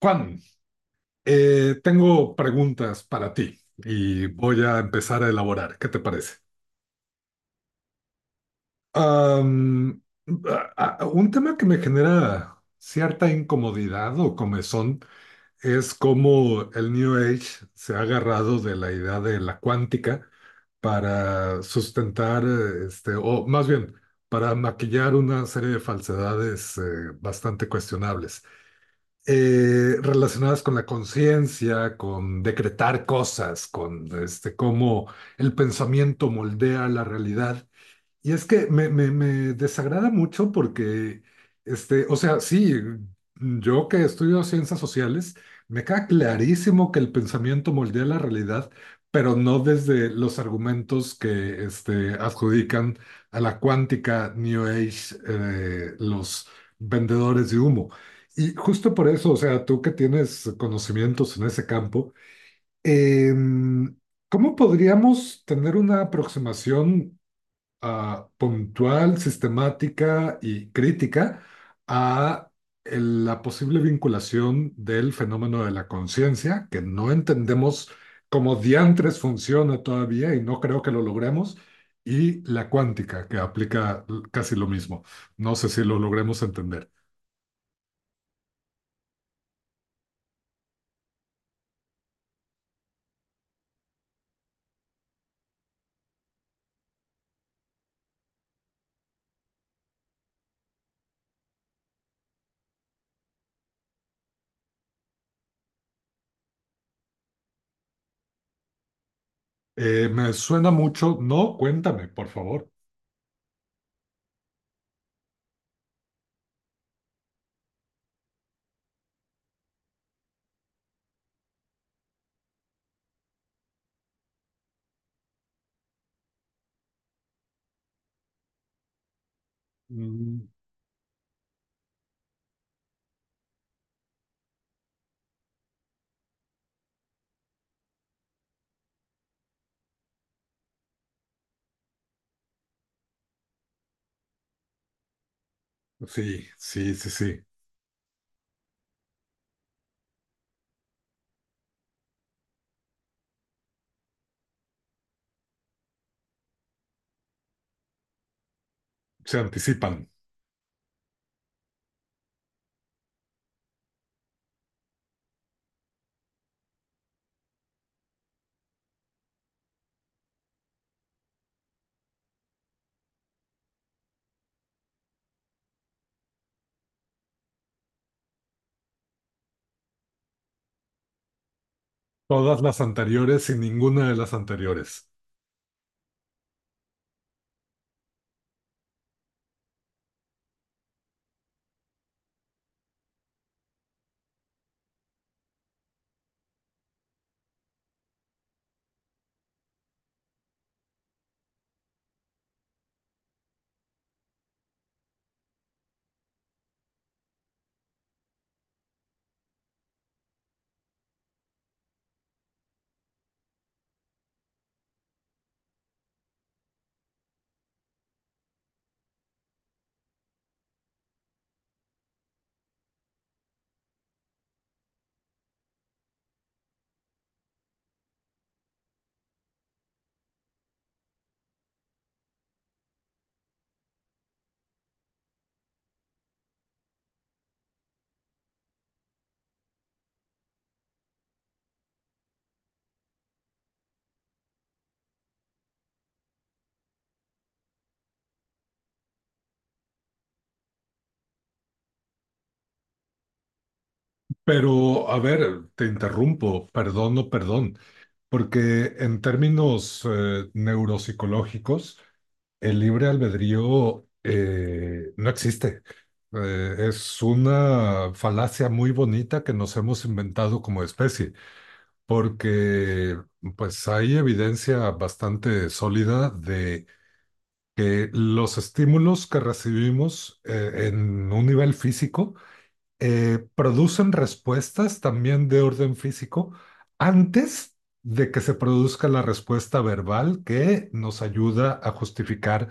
Juan, tengo preguntas para ti y voy a empezar a elaborar. ¿Qué te parece? Am, un tema que me genera cierta incomodidad o comezón es cómo el New Age se ha agarrado de la idea de la cuántica para sustentar, o más bien, para maquillar una serie de falsedades bastante cuestionables, relacionadas con la conciencia, con decretar cosas, con cómo el pensamiento moldea la realidad. Y es que me desagrada mucho porque, o sea, sí, yo que estudio ciencias sociales, me queda clarísimo que el pensamiento moldea la realidad, pero no desde los argumentos que adjudican a la cuántica New Age los vendedores de humo. Y justo por eso, o sea, tú que tienes conocimientos en ese campo, em, ¿cómo podríamos tener una aproximación puntual, sistemática y crítica a la posible vinculación del fenómeno de la conciencia, que no entendemos cómo diantres funciona todavía y no creo que lo logremos, y la cuántica, que aplica casi lo mismo? No sé si lo logremos entender. Me suena mucho. No, cuéntame, por favor. Mm, sí, sí, sí, sí. Se anticipan. Todas las anteriores y ninguna de las anteriores. Pero, a ver, te interrumpo, perdón, no perdón, porque en términos neuropsicológicos, el libre albedrío no existe. Es una falacia muy bonita que nos hemos inventado como especie, porque pues hay evidencia bastante sólida de que los estímulos que recibimos en un nivel físico producen respuestas también de orden físico antes de que se produzca la respuesta verbal que nos ayuda a justificar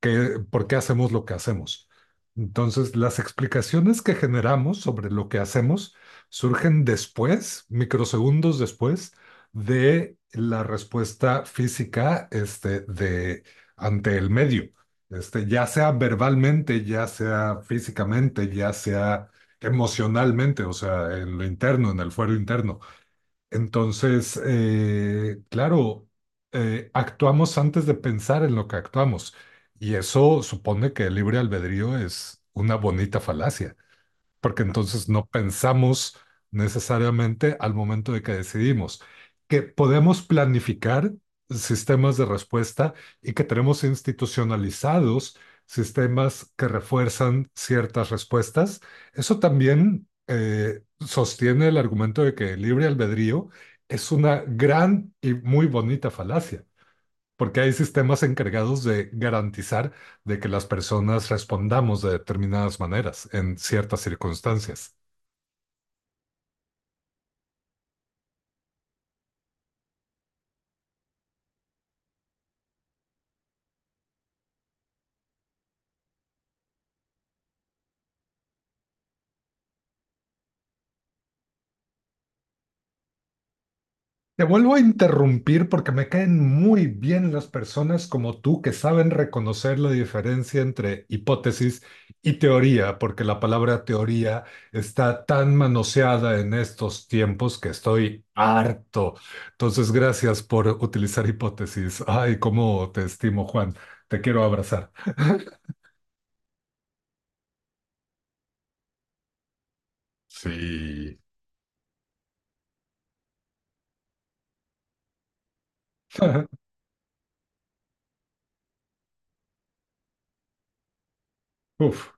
que, por qué hacemos lo que hacemos. Entonces, las explicaciones que generamos sobre lo que hacemos surgen después, microsegundos después, de la respuesta física, de, ante el medio, ya sea verbalmente, ya sea físicamente, ya sea emocionalmente, o sea, en lo interno, en el fuero interno. Entonces, claro, actuamos antes de pensar en lo que actuamos. Y eso supone que el libre albedrío es una bonita falacia porque entonces no pensamos necesariamente al momento de que decidimos, que podemos planificar sistemas de respuesta y que tenemos institucionalizados sistemas que refuerzan ciertas respuestas. Eso también sostiene el argumento de que el libre albedrío es una gran y muy bonita falacia porque hay sistemas encargados de garantizar de que las personas respondamos de determinadas maneras en ciertas circunstancias. Te vuelvo a interrumpir porque me caen muy bien las personas como tú que saben reconocer la diferencia entre hipótesis y teoría, porque la palabra teoría está tan manoseada en estos tiempos que estoy harto. Entonces, gracias por utilizar hipótesis. Ay, cómo te estimo, Juan. Te quiero abrazar. Sí. Uf.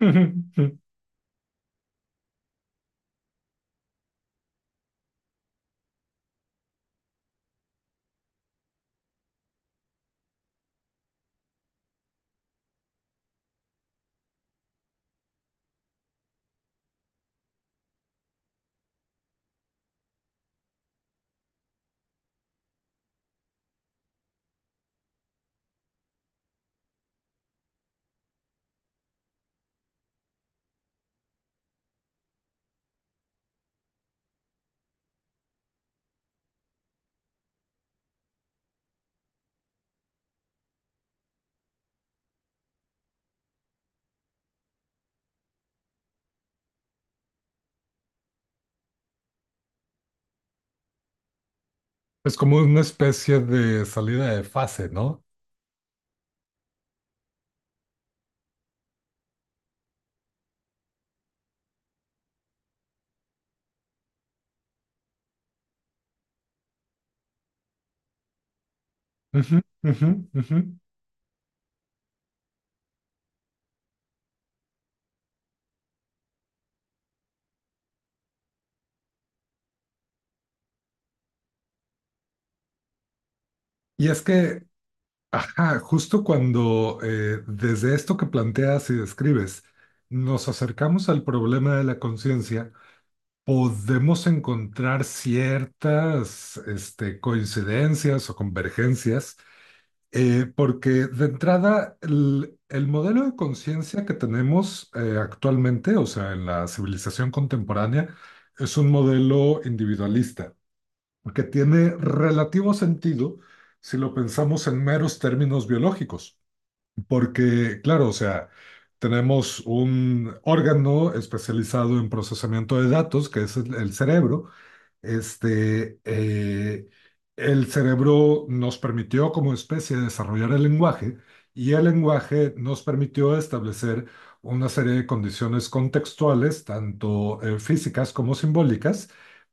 Es como una especie de salida de fase, ¿no? Ujú, ujú, ujú. Y es que, ajá, justo cuando desde esto que planteas y describes, nos acercamos al problema de la conciencia, podemos encontrar ciertas coincidencias o convergencias. Porque de entrada, el modelo de conciencia que tenemos actualmente, o sea, en la civilización contemporánea, es un modelo individualista, que tiene relativo sentido si lo pensamos en meros términos biológicos, porque, claro, o sea, tenemos un órgano especializado en procesamiento de datos, que es el cerebro, este, eh, el cerebro nos permitió como especie desarrollar el lenguaje y el lenguaje nos permitió establecer una serie de condiciones contextuales, tanto físicas como simbólicas,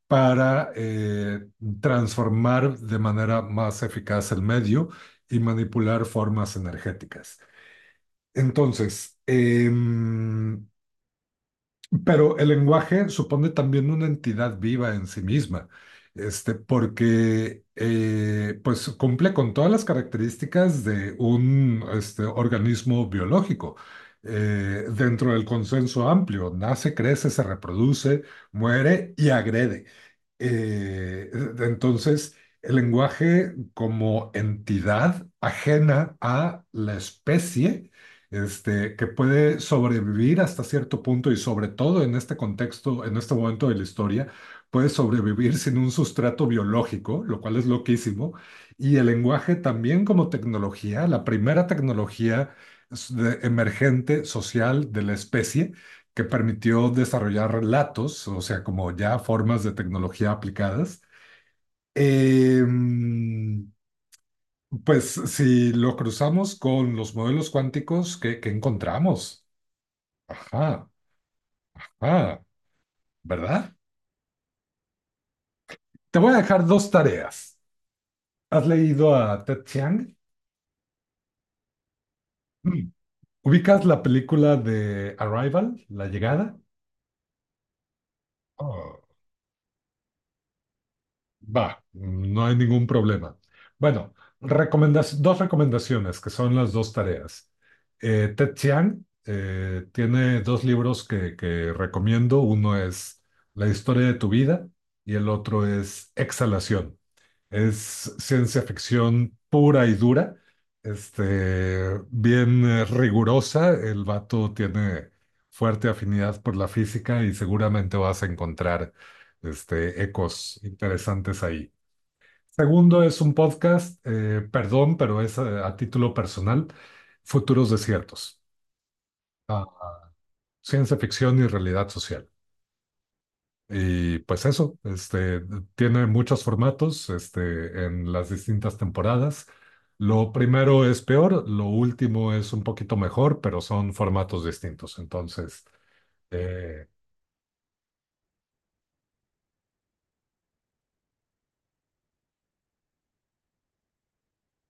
para transformar de manera más eficaz el medio y manipular formas energéticas. Entonces, pero el lenguaje supone también una entidad viva en sí misma, porque pues cumple con todas las características de un organismo biológico, dentro del consenso amplio: nace, crece, se reproduce, muere y agrede. Eh, entonces, el lenguaje como entidad ajena a la especie, que puede sobrevivir hasta cierto punto y sobre todo en este contexto, en este momento de la historia, puede sobrevivir sin un sustrato biológico, lo cual es loquísimo, y el lenguaje también como tecnología, la primera tecnología emergente social de la especie que permitió desarrollar relatos, o sea, como ya formas de tecnología aplicadas. Em, pues si lo cruzamos con los modelos cuánticos, ¿que qué encontramos? Ajá, ajá, ¿verdad? Te voy a dejar dos tareas. ¿Has leído a Ted Chiang? Mm. ¿Ubicas la película de Arrival, La Llegada? Oh, va, no hay ningún problema. Bueno, dos recomendaciones que son las dos tareas. Ted Chiang tiene dos libros que recomiendo. Uno es La historia de tu vida y el otro es Exhalación. Es ciencia ficción pura y dura, bien rigurosa. El vato tiene fuerte afinidad por la física y seguramente vas a encontrar ecos interesantes ahí. Segundo es un podcast, perdón, pero es, a título personal, Futuros Desiertos. Ah, ciencia ficción y realidad social. Y pues eso, tiene muchos formatos, en las distintas temporadas. Lo primero es peor, lo último es un poquito mejor, pero son formatos distintos. Entonces, eh,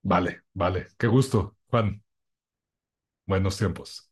vale, vale. Qué gusto, Juan. Buenos tiempos.